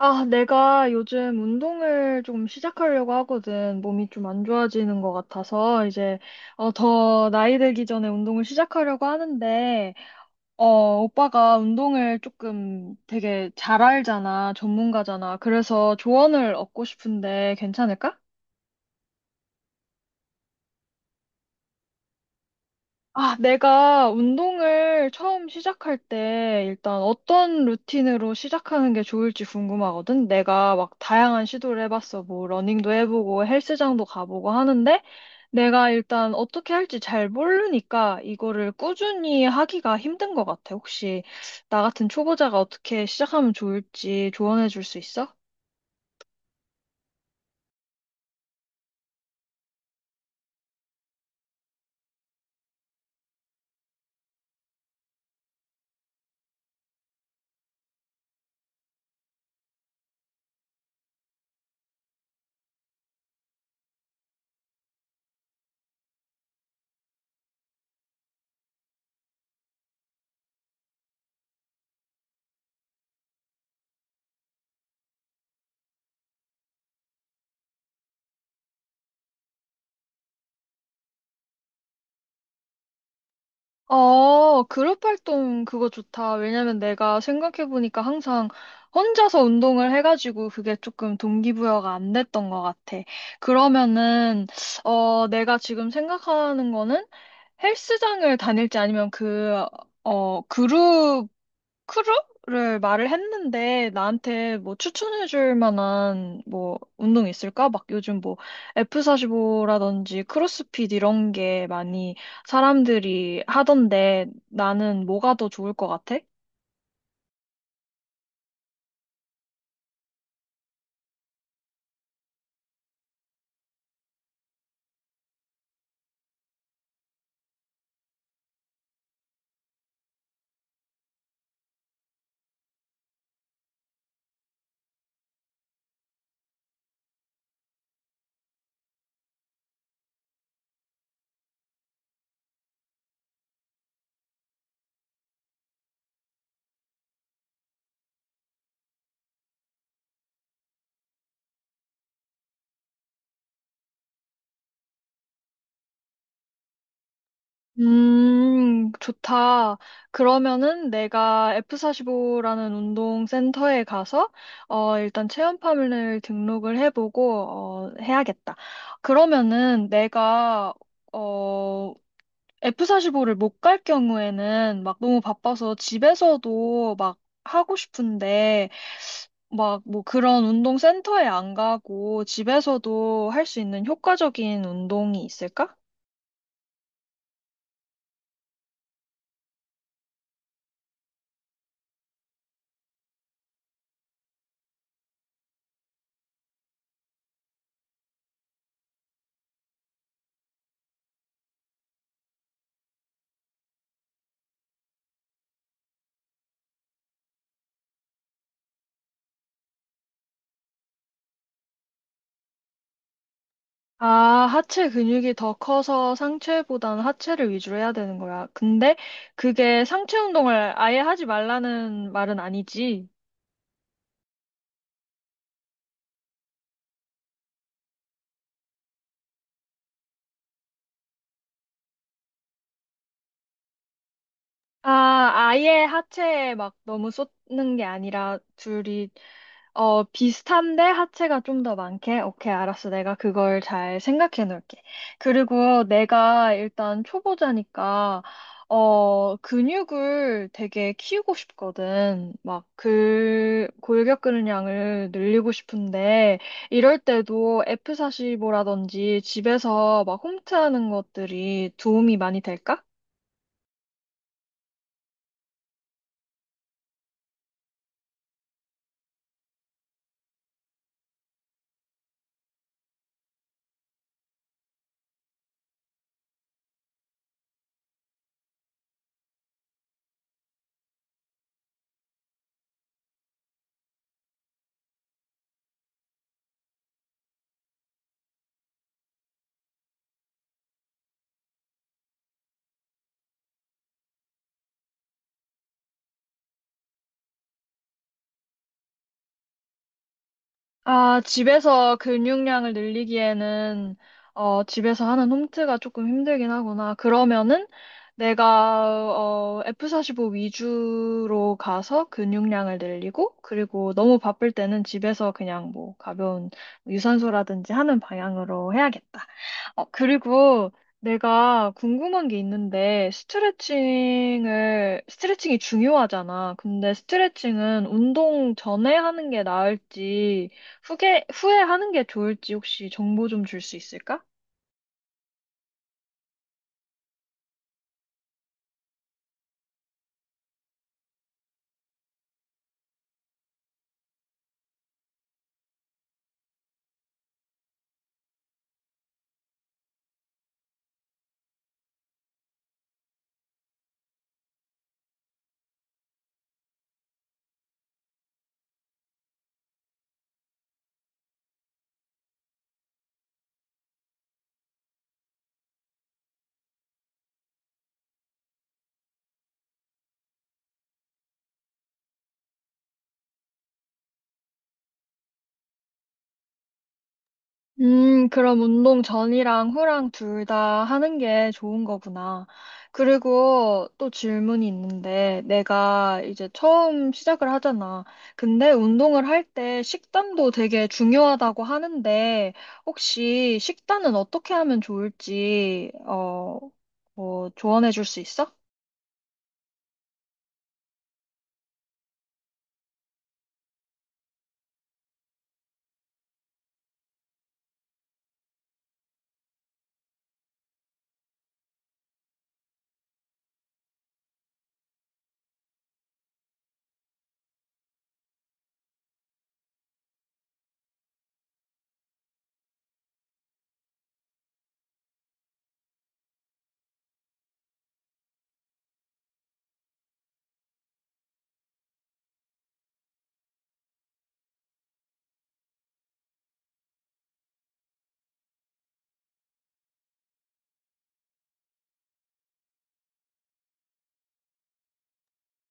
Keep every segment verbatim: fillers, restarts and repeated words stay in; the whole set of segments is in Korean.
아, 내가 요즘 운동을 좀 시작하려고 하거든. 몸이 좀 안 좋아지는 것 같아서 이제 어, 더 나이 들기 전에 운동을 시작하려고 하는데 어, 오빠가 운동을 조금 되게 잘 알잖아. 전문가잖아. 그래서 조언을 얻고 싶은데 괜찮을까? 아, 내가 운동을 처음 시작할 때 일단 어떤 루틴으로 시작하는 게 좋을지 궁금하거든. 내가 막 다양한 시도를 해봤어. 뭐 러닝도 해보고 헬스장도 가보고 하는데 내가 일단 어떻게 할지 잘 모르니까 이거를 꾸준히 하기가 힘든 것 같아. 혹시 나 같은 초보자가 어떻게 시작하면 좋을지 조언해 줄 수 있어? 어, 그룹 활동 그거 좋다. 왜냐면 내가 생각해보니까 항상 혼자서 운동을 해가지고 그게 조금 동기부여가 안 됐던 것 같아. 그러면은 어, 내가 지금 생각하는 거는 헬스장을 다닐지 아니면 그, 어, 그룹 크루를 말을 했는데 나한테 뭐 추천해 줄 만한 뭐 운동 있을까? 막 요즘 뭐 에프 사십오라든지 크로스핏 이런 게 많이 사람들이 하던데 나는 뭐가 더 좋을 것 같아? 음, 좋다. 그러면은 내가 에프 사십오라는 운동 센터에 가서 어, 일단 체험판을 등록을 해보고, 어, 해야겠다. 그러면은 내가 어, 에프 사십오를 못 갈 경우에는 막 너무 바빠서 집에서도 막 하고 싶은데 막 뭐 그런 운동 센터에 안 가고 집에서도 할 수 있는 효과적인 운동이 있을까? 아, 하체 근육이 더 커서 상체보다는 하체를 위주로 해야 되는 거야. 근데 그게 상체 운동을 아예 하지 말라는 말은 아니지. 아, 아예 하체에 막 너무 쏟는 게 아니라 둘이 어, 비슷한데 하체가 좀 더 많게? 오케이, 알았어. 내가 그걸 잘 생각해 놓을게. 그리고 내가 일단 초보자니까 어, 근육을 되게 키우고 싶거든. 막, 그, 골격 근량을 늘리고 싶은데, 이럴 때도 에프 사십오라든지 집에서 막 홈트하는 것들이 도움이 많이 될까? 아, 집에서 근육량을 늘리기에는 어, 집에서 하는 홈트가 조금 힘들긴 하구나. 그러면은 내가 어, 에프 사십오 위주로 가서 근육량을 늘리고 그리고 너무 바쁠 때는 집에서 그냥 뭐 가벼운 유산소라든지 하는 방향으로 해야겠다. 어, 그리고 내가 궁금한 게 있는데, 스트레칭을, 스트레칭이 중요하잖아. 근데 스트레칭은 운동 전에 하는 게 나을지, 후에, 후에 하는 게 좋을지 혹시 정보 좀 줄 수 있을까? 음, 그럼 운동 전이랑 후랑 둘 다 하는 게 좋은 거구나. 그리고 또 질문이 있는데, 내가 이제 처음 시작을 하잖아. 근데 운동을 할 때 식단도 되게 중요하다고 하는데, 혹시 식단은 어떻게 하면 좋을지, 어, 뭐, 조언해 줄 수 있어?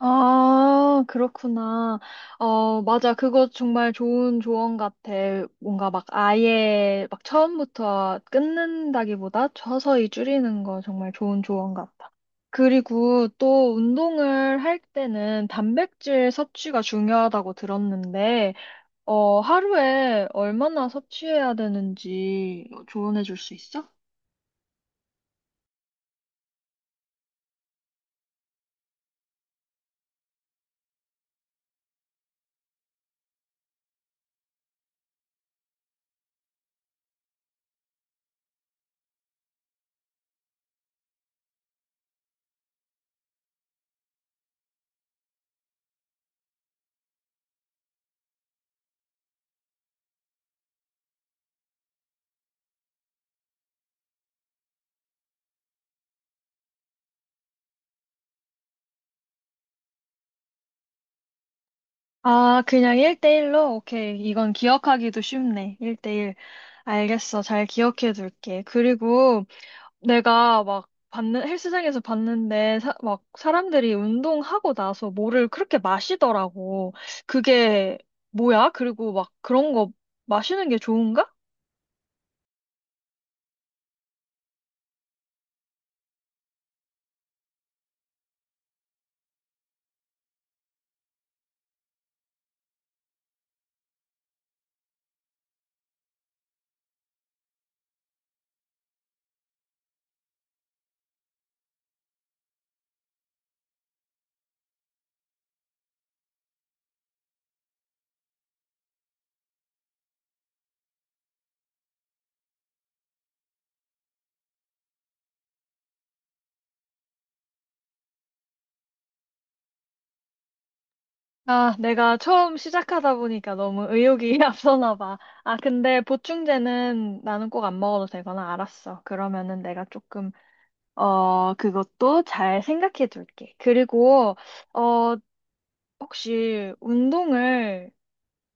아, 그렇구나. 어, 맞아. 그거 정말 좋은 조언 같아. 뭔가 막 아예 막 처음부터 끊는다기보다 서서히 줄이는 거 정말 좋은 조언 같아. 그리고 또 운동을 할 때는 단백질 섭취가 중요하다고 들었는데 어, 하루에 얼마나 섭취해야 되는지 조언해 줄 수 있어? 아, 그냥 일 대일로? 오케이. 이건 기억하기도 쉽네. 일 대일. 알겠어. 잘 기억해 둘게. 그리고 내가 막 봤는, 헬스장에서 봤는데, 사- 막 사람들이 운동하고 나서 뭐를 그렇게 마시더라고. 그게 뭐야? 그리고 막 그런 거 마시는 게 좋은가? 아, 내가 처음 시작하다 보니까 너무 의욕이 앞서나 봐. 아, 근데 보충제는 나는 꼭 안 먹어도 되거나 알았어. 그러면은 내가 조금 어, 그것도 잘 생각해 둘게. 그리고 어, 혹시 운동을,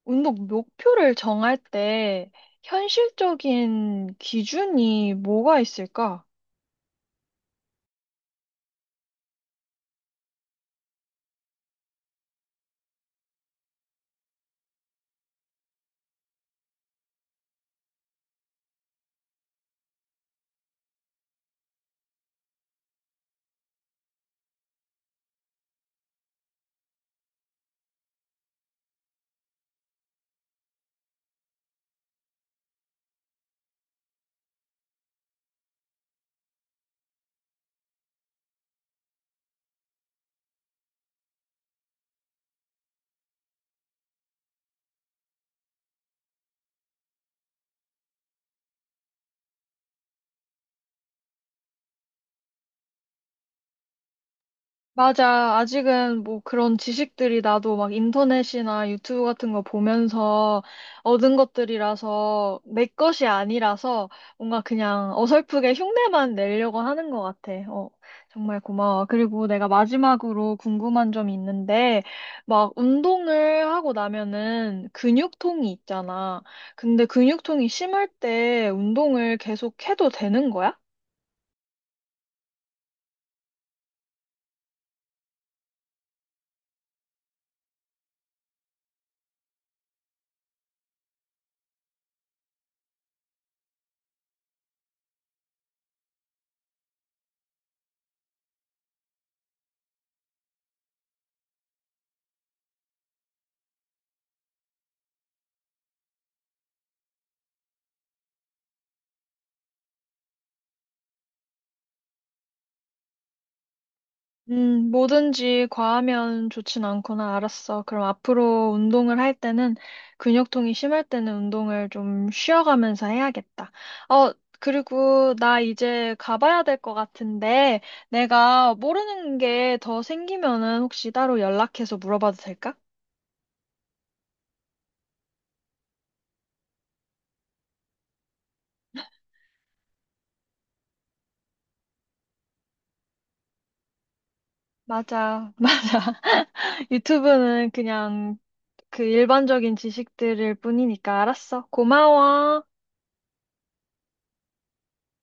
운동 목표를 정할 때 현실적인 기준이 뭐가 있을까? 맞아. 아직은 뭐 그런 지식들이 나도 막 인터넷이나 유튜브 같은 거 보면서 얻은 것들이라서 내 것이 아니라서 뭔가 그냥 어설프게 흉내만 내려고 하는 것 같아. 어, 정말 고마워. 그리고 내가 마지막으로 궁금한 점이 있는데 막 운동을 하고 나면은 근육통이 있잖아. 근데 근육통이 심할 때 운동을 계속 해도 되는 거야? 음, 뭐든지 과하면 좋진 않구나. 알았어. 그럼 앞으로 운동을 할 때는 근육통이 심할 때는 운동을 좀 쉬어가면서 해야겠다. 어, 그리고 나 이제 가봐야 될 것 같은데 내가 모르는 게 더 생기면은 혹시 따로 연락해서 물어봐도 될까? 맞아. 유튜브는 그냥 그 일반적인 지식들일 뿐이니까 알았어. 고마워.